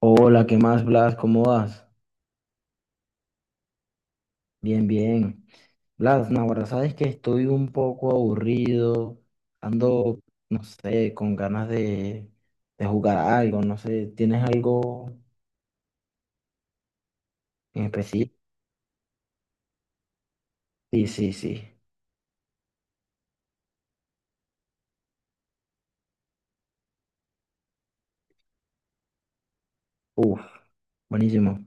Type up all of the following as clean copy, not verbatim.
Hola, ¿qué más, Blas? ¿Cómo vas? Bien, bien. Blas, no, ahora sabes que estoy un poco aburrido, ando, no sé, con ganas de jugar algo, no sé, ¿tienes algo en específico? Sí, sí, sí. Uf, buenísimo.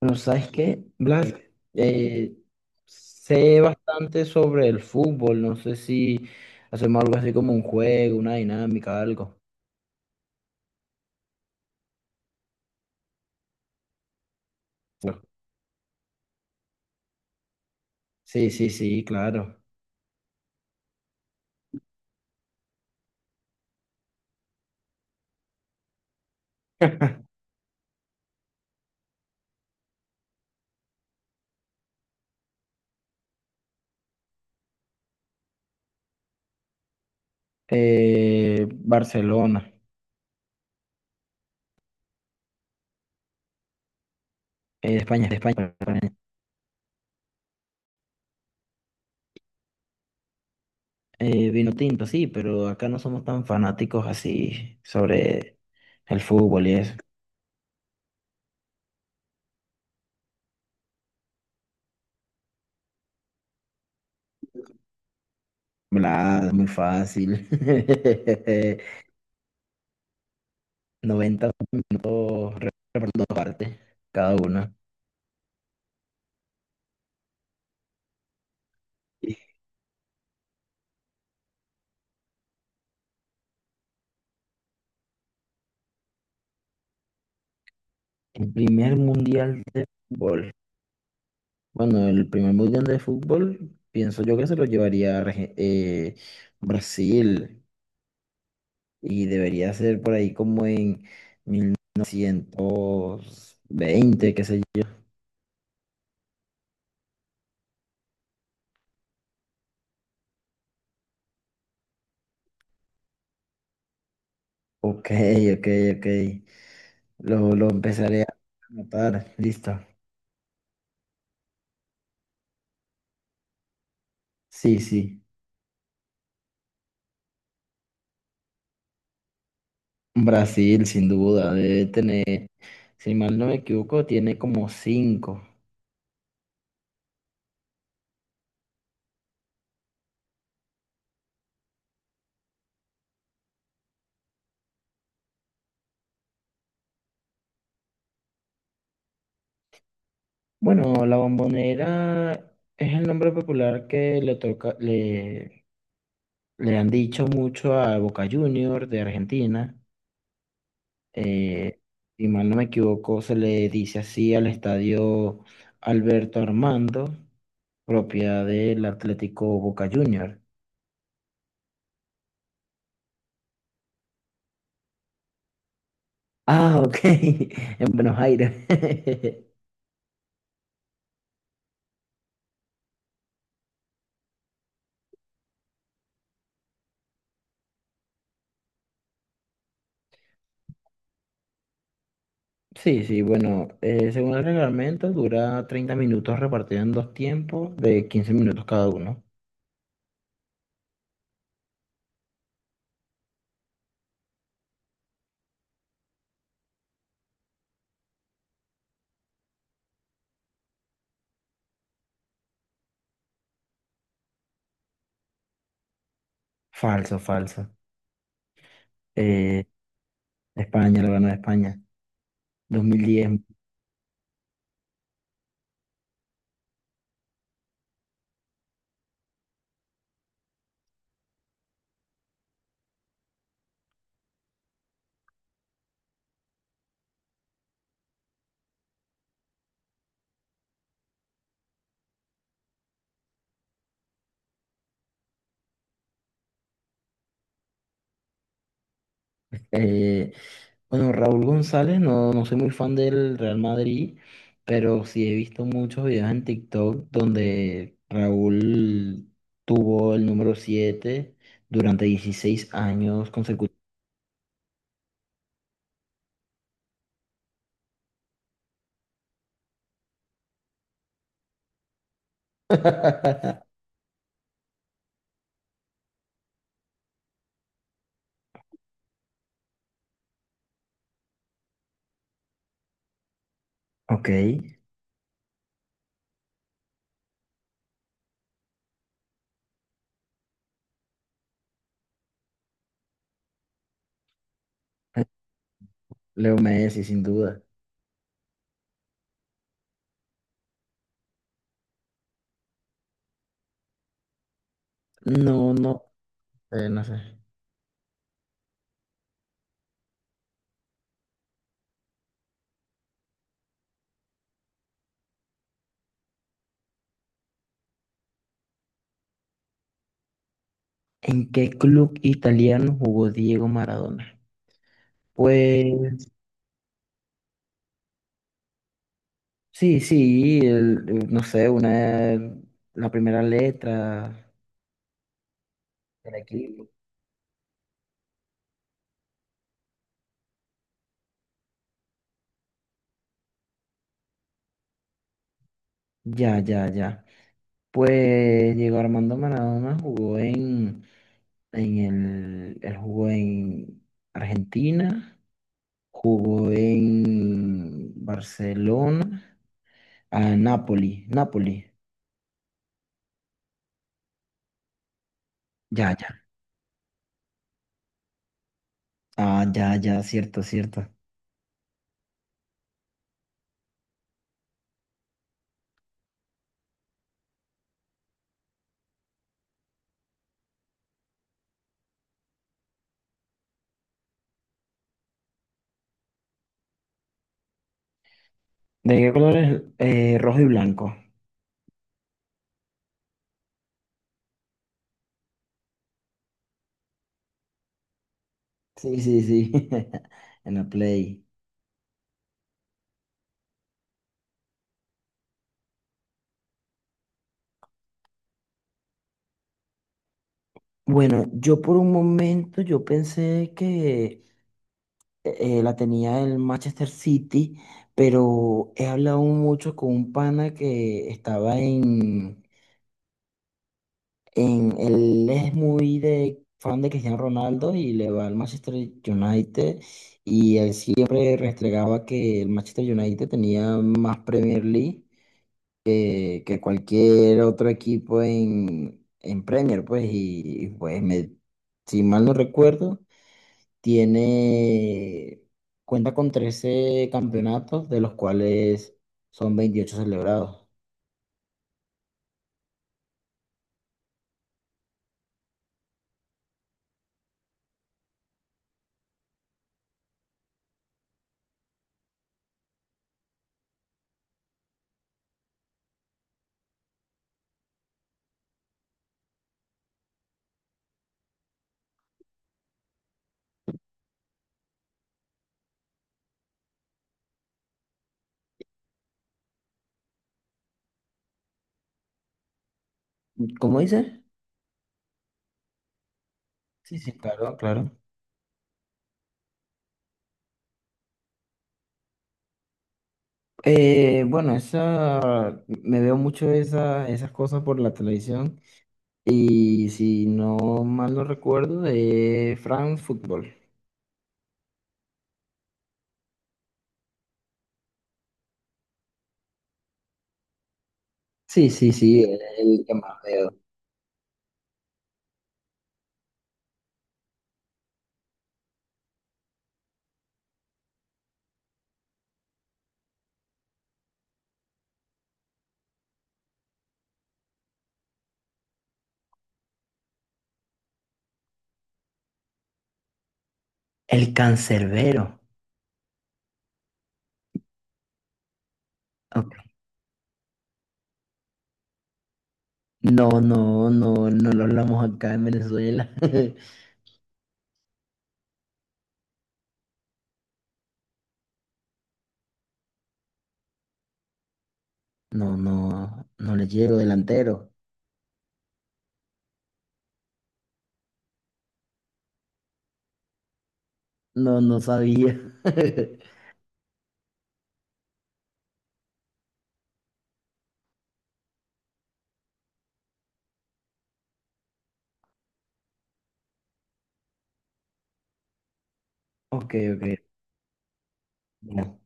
Bueno, ¿sabes qué, Blas? Eh, sé bastante sobre el fútbol, no sé si hacemos algo así como un juego, una dinámica, algo. Sí, sí, sí, claro. Barcelona, de España, perdón. Vino tinto, sí, pero acá no somos tan fanáticos así sobre el fútbol y eso. Bla, muy fácil. 90 puntos redondos aparte, cada uno. El primer mundial de fútbol. Bueno, el primer mundial de fútbol, pienso yo que se lo llevaría Brasil y debería ser por ahí como en 120 qué sé yo. Ok, ok, ok. Lo empezaré a notar. Listo. Sí, sí. Brasil, sin duda, debe tener, si mal no me equivoco, tiene como cinco. Bueno, la Bombonera es el nombre popular que le toca, le han dicho mucho a Boca Juniors de Argentina. eh, si mal no me equivoco, se le dice así al estadio Alberto Armando, propiedad del Atlético Boca Juniors. Ah, ok, en Buenos Aires. Sí, sí, bueno, según el reglamento dura 30 minutos repartido en dos tiempos de 15 minutos cada uno. Falso, falso. Eh, España, lo ganó España. 2010. eh, Bueno, Raúl González, no, no soy muy fan del Real Madrid, pero sí he visto muchos videos en TikTok donde Raúl tuvo el número 7 durante 16 años consecutivos. Ok, Leo Messi, sin duda. No, no, no sé. ¿En qué club italiano jugó Diego Maradona? Pues sí, sí, no sé, una, la primera letra del equipo. Ya, ya, ya. Pues Diego Armando Maradona jugó en él jugó en Argentina, jugó en Barcelona, a Napoli, Napoli, ya, ya, ah, ya, ya, cierto, cierto. ¿De qué color es? Rojo y blanco. Sí, sí, sí, en la Play. Bueno, yo por un momento yo pensé que la tenía el Manchester City, pero he hablado mucho con un pana que estaba él es muy de fan de Cristiano Ronaldo y le va al Manchester United y él siempre restregaba que el Manchester United tenía más Premier League que cualquier otro equipo en Premier, pues, pues me, si mal no recuerdo. Tiene, cuenta con 13 campeonatos, de los cuales son 28 celebrados. ¿Cómo dice? Sí, sí, claro, claro. Bueno, me veo mucho esas cosas por la televisión y si no mal no recuerdo, de France Football. Sí, sí, sí, el que más veo. El cancerbero. Ok. No, no, no, no lo hablamos acá en Venezuela. No, no, no le llego delantero. No, no sabía. Ok, ok. Mira.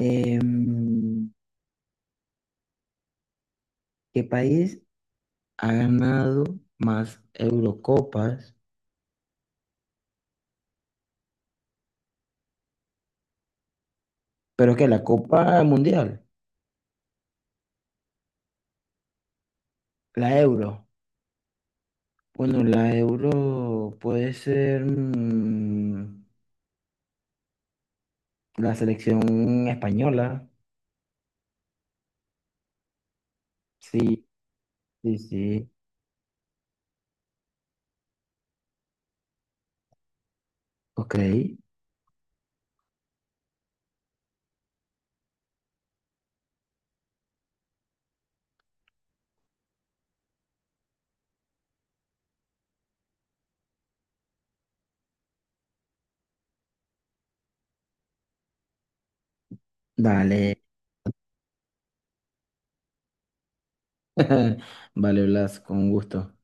Em, ¿qué país ha ganado más Eurocopas? Pero que la Copa Mundial, la Euro. Bueno, la Euro puede ser la selección española. Sí, sí, sí. Ok, dale. Vale, Blas, con gusto.